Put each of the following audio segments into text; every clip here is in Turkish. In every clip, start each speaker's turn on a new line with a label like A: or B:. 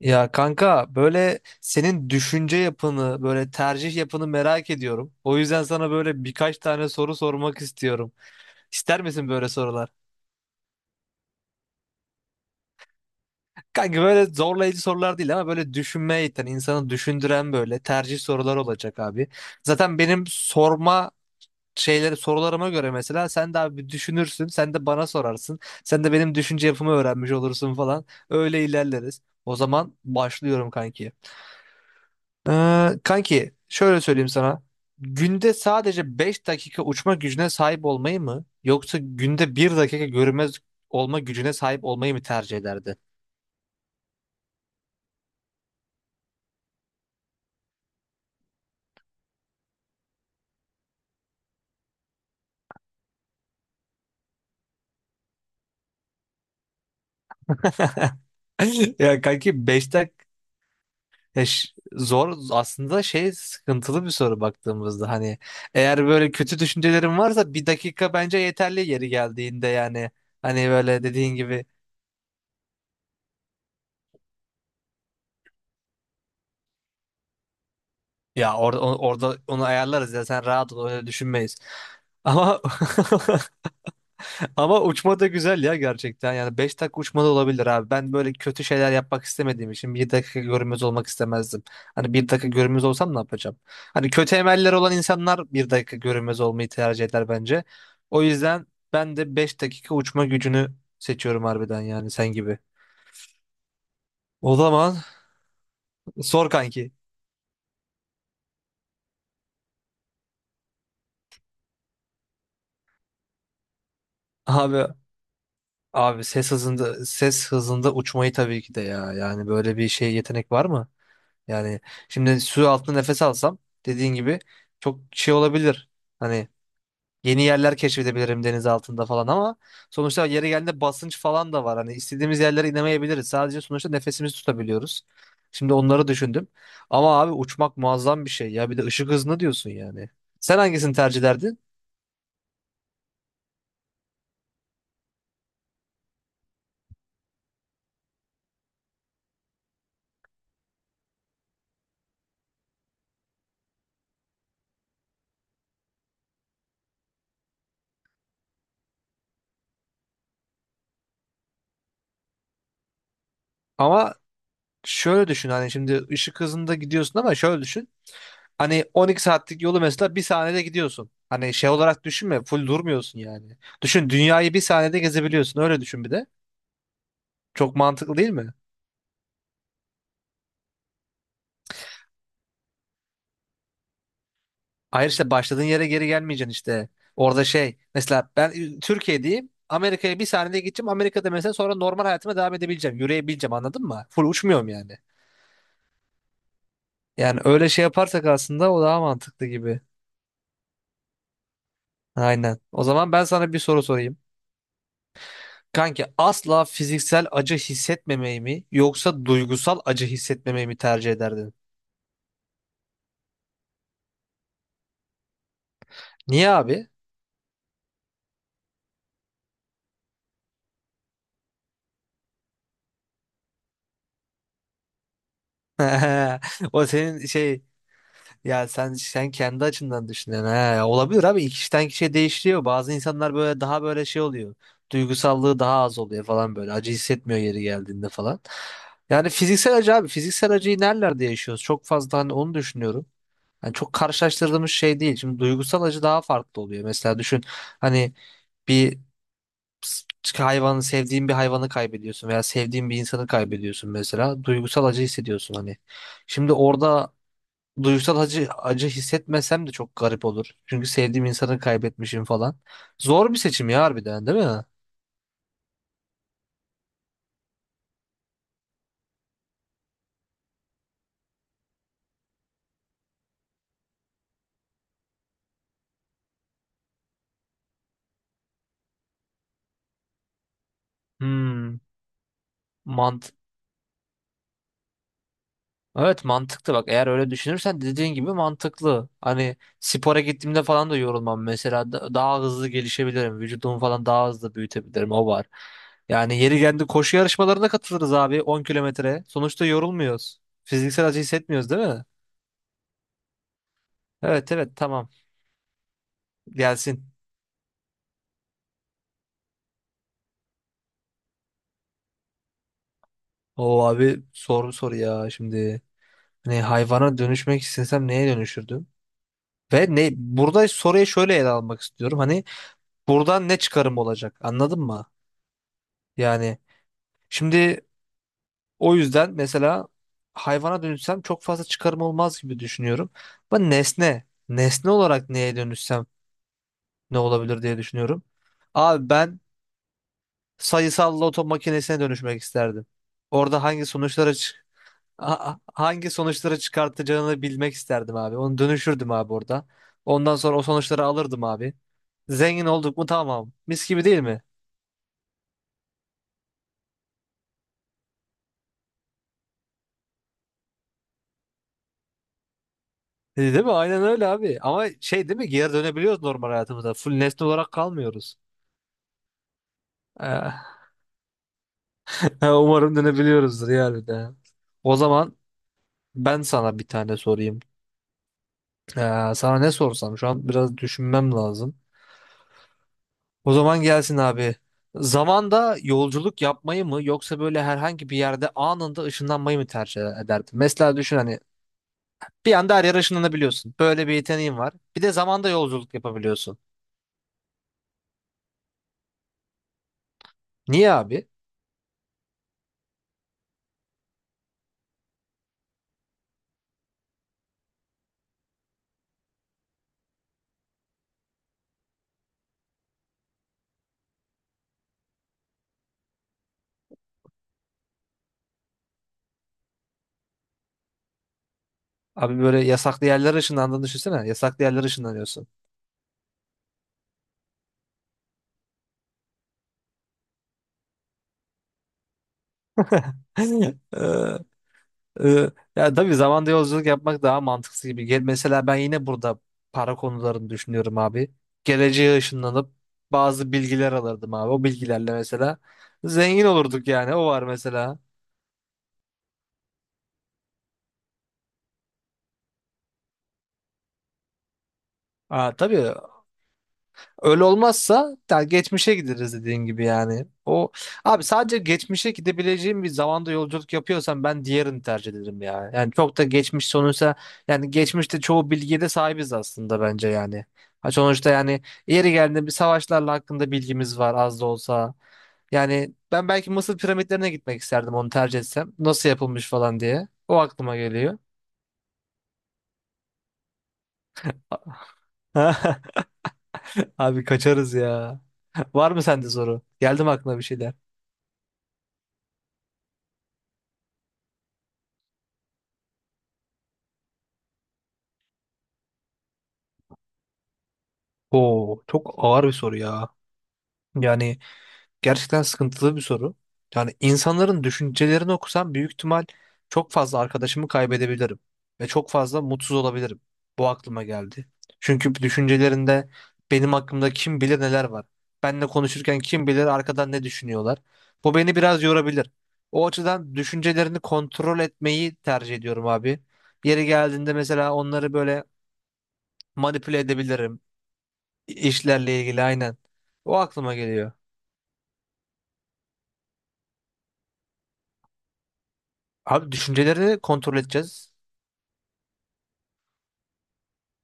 A: Ya kanka böyle senin düşünce yapını, böyle tercih yapını merak ediyorum. O yüzden sana böyle birkaç tane soru sormak istiyorum. İster misin böyle sorular? Kanka böyle zorlayıcı sorular değil ama böyle düşünmeye iten, insanı düşündüren böyle tercih sorular olacak abi. Zaten benim sorma şeyleri sorularıma göre mesela sen de abi bir düşünürsün, sen de bana sorarsın. Sen de benim düşünce yapımı öğrenmiş olursun falan. Öyle ilerleriz. O zaman başlıyorum kanki. Kanki şöyle söyleyeyim sana. Günde sadece 5 dakika uçma gücüne sahip olmayı mı yoksa günde bir dakika görünmez olma gücüne sahip olmayı mı tercih ederdi? Ya kanki 5 dakika zor aslında şey, sıkıntılı bir soru baktığımızda. Hani eğer böyle kötü düşüncelerin varsa bir dakika bence yeterli yeri geldiğinde yani, hani böyle dediğin gibi, ya orada onu ayarlarız ya, sen rahat ol, öyle düşünmeyiz. Ama ama uçma da güzel ya gerçekten. Yani 5 dakika uçma da olabilir abi. Ben böyle kötü şeyler yapmak istemediğim için bir dakika görünmez olmak istemezdim. Hani bir dakika görünmez olsam ne yapacağım? Hani kötü emeller olan insanlar bir dakika görünmez olmayı tercih eder bence. O yüzden ben de 5 dakika uçma gücünü seçiyorum harbiden yani sen gibi. O zaman sor kanki. Abi abi, ses hızında uçmayı tabii ki de ya. Yani böyle bir şey, yetenek var mı? Yani şimdi su altında nefes alsam, dediğin gibi, çok şey olabilir. Hani yeni yerler keşfedebilirim deniz altında falan, ama sonuçta yeri geldiğinde basınç falan da var. Hani istediğimiz yerlere inemeyebiliriz. Sadece sonuçta nefesimizi tutabiliyoruz. Şimdi onları düşündüm. Ama abi uçmak muazzam bir şey ya. Bir de ışık hızını diyorsun yani. Sen hangisini tercih ederdin? Ama şöyle düşün, hani şimdi ışık hızında gidiyorsun, ama şöyle düşün. Hani 12 saatlik yolu mesela bir saniyede gidiyorsun. Hani şey olarak düşünme, full durmuyorsun yani. Düşün, dünyayı bir saniyede gezebiliyorsun. Öyle düşün bir de. Çok mantıklı değil mi? Hayır, işte başladığın yere geri gelmeyeceksin işte. Orada şey, mesela ben Türkiye'deyim. Amerika'ya bir saniyede gideceğim. Amerika'da mesela sonra normal hayatıma devam edebileceğim. Yürüyebileceğim, anladın mı? Full uçmuyorum yani. Yani öyle şey yaparsak, aslında o daha mantıklı gibi. Aynen. O zaman ben sana bir soru sorayım. Kanki asla fiziksel acı hissetmemeyi mi yoksa duygusal acı hissetmemeyi mi tercih ederdin? Niye abi? O senin şey, ya sen kendi açından düşünüyorsun. He, olabilir abi, kişiden kişiye değişiyor. Bazı insanlar böyle daha böyle şey oluyor. Duygusallığı daha az oluyor falan böyle. Acı hissetmiyor yeri geldiğinde falan. Yani fiziksel acı abi, fiziksel acıyı nerelerde yaşıyoruz? Çok fazla hani onu düşünüyorum. Yani çok karşılaştırdığımız şey değil. Şimdi duygusal acı daha farklı oluyor. Mesela düşün, hani bir hayvanı, sevdiğin bir hayvanı kaybediyorsun veya sevdiğin bir insanı kaybediyorsun mesela. Duygusal acı hissediyorsun hani. Şimdi orada duygusal acı hissetmesem de çok garip olur. Çünkü sevdiğim insanı kaybetmişim falan. Zor bir seçim ya harbiden, değil mi? Hmm, mant Evet, mantıklı bak, eğer öyle düşünürsen dediğin gibi mantıklı. Hani spora gittiğimde falan da yorulmam mesela. Daha hızlı gelişebilirim. Vücudumu falan daha hızlı büyütebilirim, o var. Yani yeri geldi koşu yarışmalarına katılırız abi, 10 kilometre. Sonuçta yorulmuyoruz. Fiziksel acı hissetmiyoruz, değil mi? Evet, evet, tamam, gelsin. O abi soru soru ya şimdi. Hani hayvana dönüşmek istesem neye dönüşürdüm? Ve ne, burada soruyu şöyle ele almak istiyorum. Hani buradan ne çıkarım olacak, anladın mı? Yani, şimdi o yüzden mesela hayvana dönüşsem çok fazla çıkarım olmaz gibi düşünüyorum. Ben nesne olarak neye dönüşsem ne olabilir diye düşünüyorum. Abi ben sayısal loto makinesine dönüşmek isterdim. Orada hangi sonuçları çıkartacağını bilmek isterdim abi. Onu dönüşürdüm abi orada. Ondan sonra o sonuçları alırdım abi. Zengin olduk mu, tamam. Mis gibi, değil mi? Değil mi? Aynen öyle abi. Ama şey, değil mi? Geri dönebiliyoruz normal hayatımıza. Full nesne olarak kalmıyoruz. Ee, Umarım dönebiliyoruzdur ya bir de. O zaman ben sana bir tane sorayım. Sana ne sorsam şu an biraz düşünmem lazım. O zaman gelsin abi. Zamanda yolculuk yapmayı mı yoksa böyle herhangi bir yerde anında ışınlanmayı mı tercih ederdin? Mesela düşün, hani bir anda her yere ışınlanabiliyorsun. Böyle bir yeteneğin var. Bir de zamanda yolculuk yapabiliyorsun. Niye abi? Abi böyle yasaklı yerlere ışınlandığını düşünsene. Yasaklı yerlere ışınlanıyorsun. Ee, Ee, ya tabii, zamanda yolculuk yapmak daha mantıklı gibi. Mesela ben yine burada para konularını düşünüyorum abi. Geleceğe ışınlanıp bazı bilgiler alırdım abi. O bilgilerle mesela zengin olurduk yani. O var mesela. Aa, tabii. Öyle olmazsa yani geçmişe gideriz dediğin gibi yani. O abi, sadece geçmişe gidebileceğim bir zamanda yolculuk yapıyorsam ben diğerini tercih ederim ya. Yani çok da geçmiş sonuçta, yani geçmişte çoğu bilgiye de sahibiz aslında bence yani. Ha sonuçta yani, yeri geldiğinde bir savaşlarla hakkında bilgimiz var az da olsa. Yani ben belki Mısır piramitlerine gitmek isterdim, onu tercih etsem. Nasıl yapılmış falan diye. O aklıma geliyor. Abi kaçarız ya. Var mı sende soru? Geldi mi aklına bir şeyler? Oo, çok ağır bir soru ya. Yani gerçekten sıkıntılı bir soru. Yani insanların düşüncelerini okusam, büyük ihtimal çok fazla arkadaşımı kaybedebilirim ve çok fazla mutsuz olabilirim. Bu aklıma geldi. Çünkü düşüncelerinde benim hakkımda kim bilir neler var. Benle konuşurken kim bilir arkadan ne düşünüyorlar. Bu beni biraz yorabilir. O açıdan düşüncelerini kontrol etmeyi tercih ediyorum abi. Yeri geldiğinde mesela onları böyle manipüle edebilirim. İşlerle ilgili, aynen. O aklıma geliyor. Abi düşünceleri kontrol edeceğiz.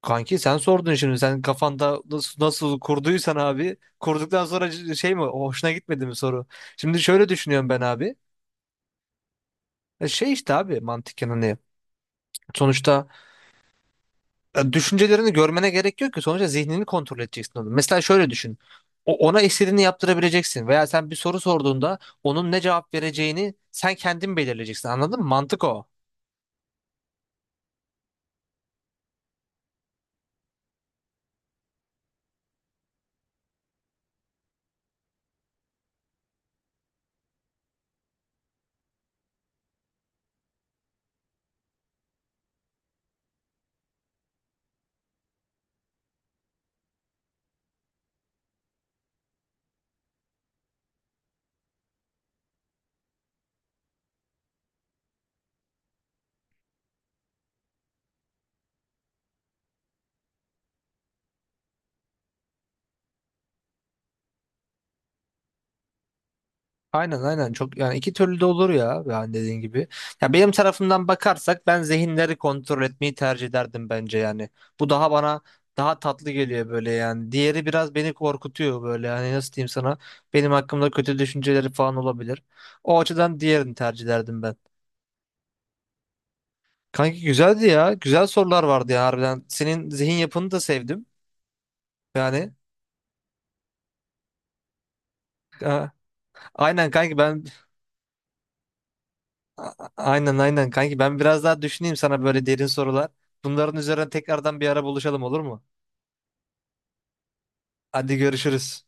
A: Kanki sen sordun şimdi. Sen kafanda nasıl kurduysan abi. Kurduktan sonra şey mi? Hoşuna gitmedi mi soru? Şimdi şöyle düşünüyorum ben abi. Şey işte abi, mantıken hani. Sonuçta düşüncelerini görmene gerek yok ki. Sonuçta zihnini kontrol edeceksin onu. Mesela şöyle düşün. Ona istediğini yaptırabileceksin. Veya sen bir soru sorduğunda onun ne cevap vereceğini sen kendin belirleyeceksin. Anladın mı? Mantık o. Aynen, aynen, çok yani, iki türlü de olur ya yani, dediğin gibi. Ya benim tarafımdan bakarsak ben zihinleri kontrol etmeyi tercih ederdim bence yani. Bu daha bana daha tatlı geliyor böyle yani. Diğeri biraz beni korkutuyor böyle yani, nasıl diyeyim sana, benim hakkımda kötü düşünceleri falan olabilir. O açıdan diğerini tercih ederdim ben. Kanki güzeldi ya. Güzel sorular vardı ya harbiden. Senin zihin yapını da sevdim. Yani e, aynen kanki ben Aynen, aynen kanki, ben biraz daha düşüneyim sana böyle derin sorular. Bunların üzerine tekrardan bir ara buluşalım, olur mu? Hadi görüşürüz.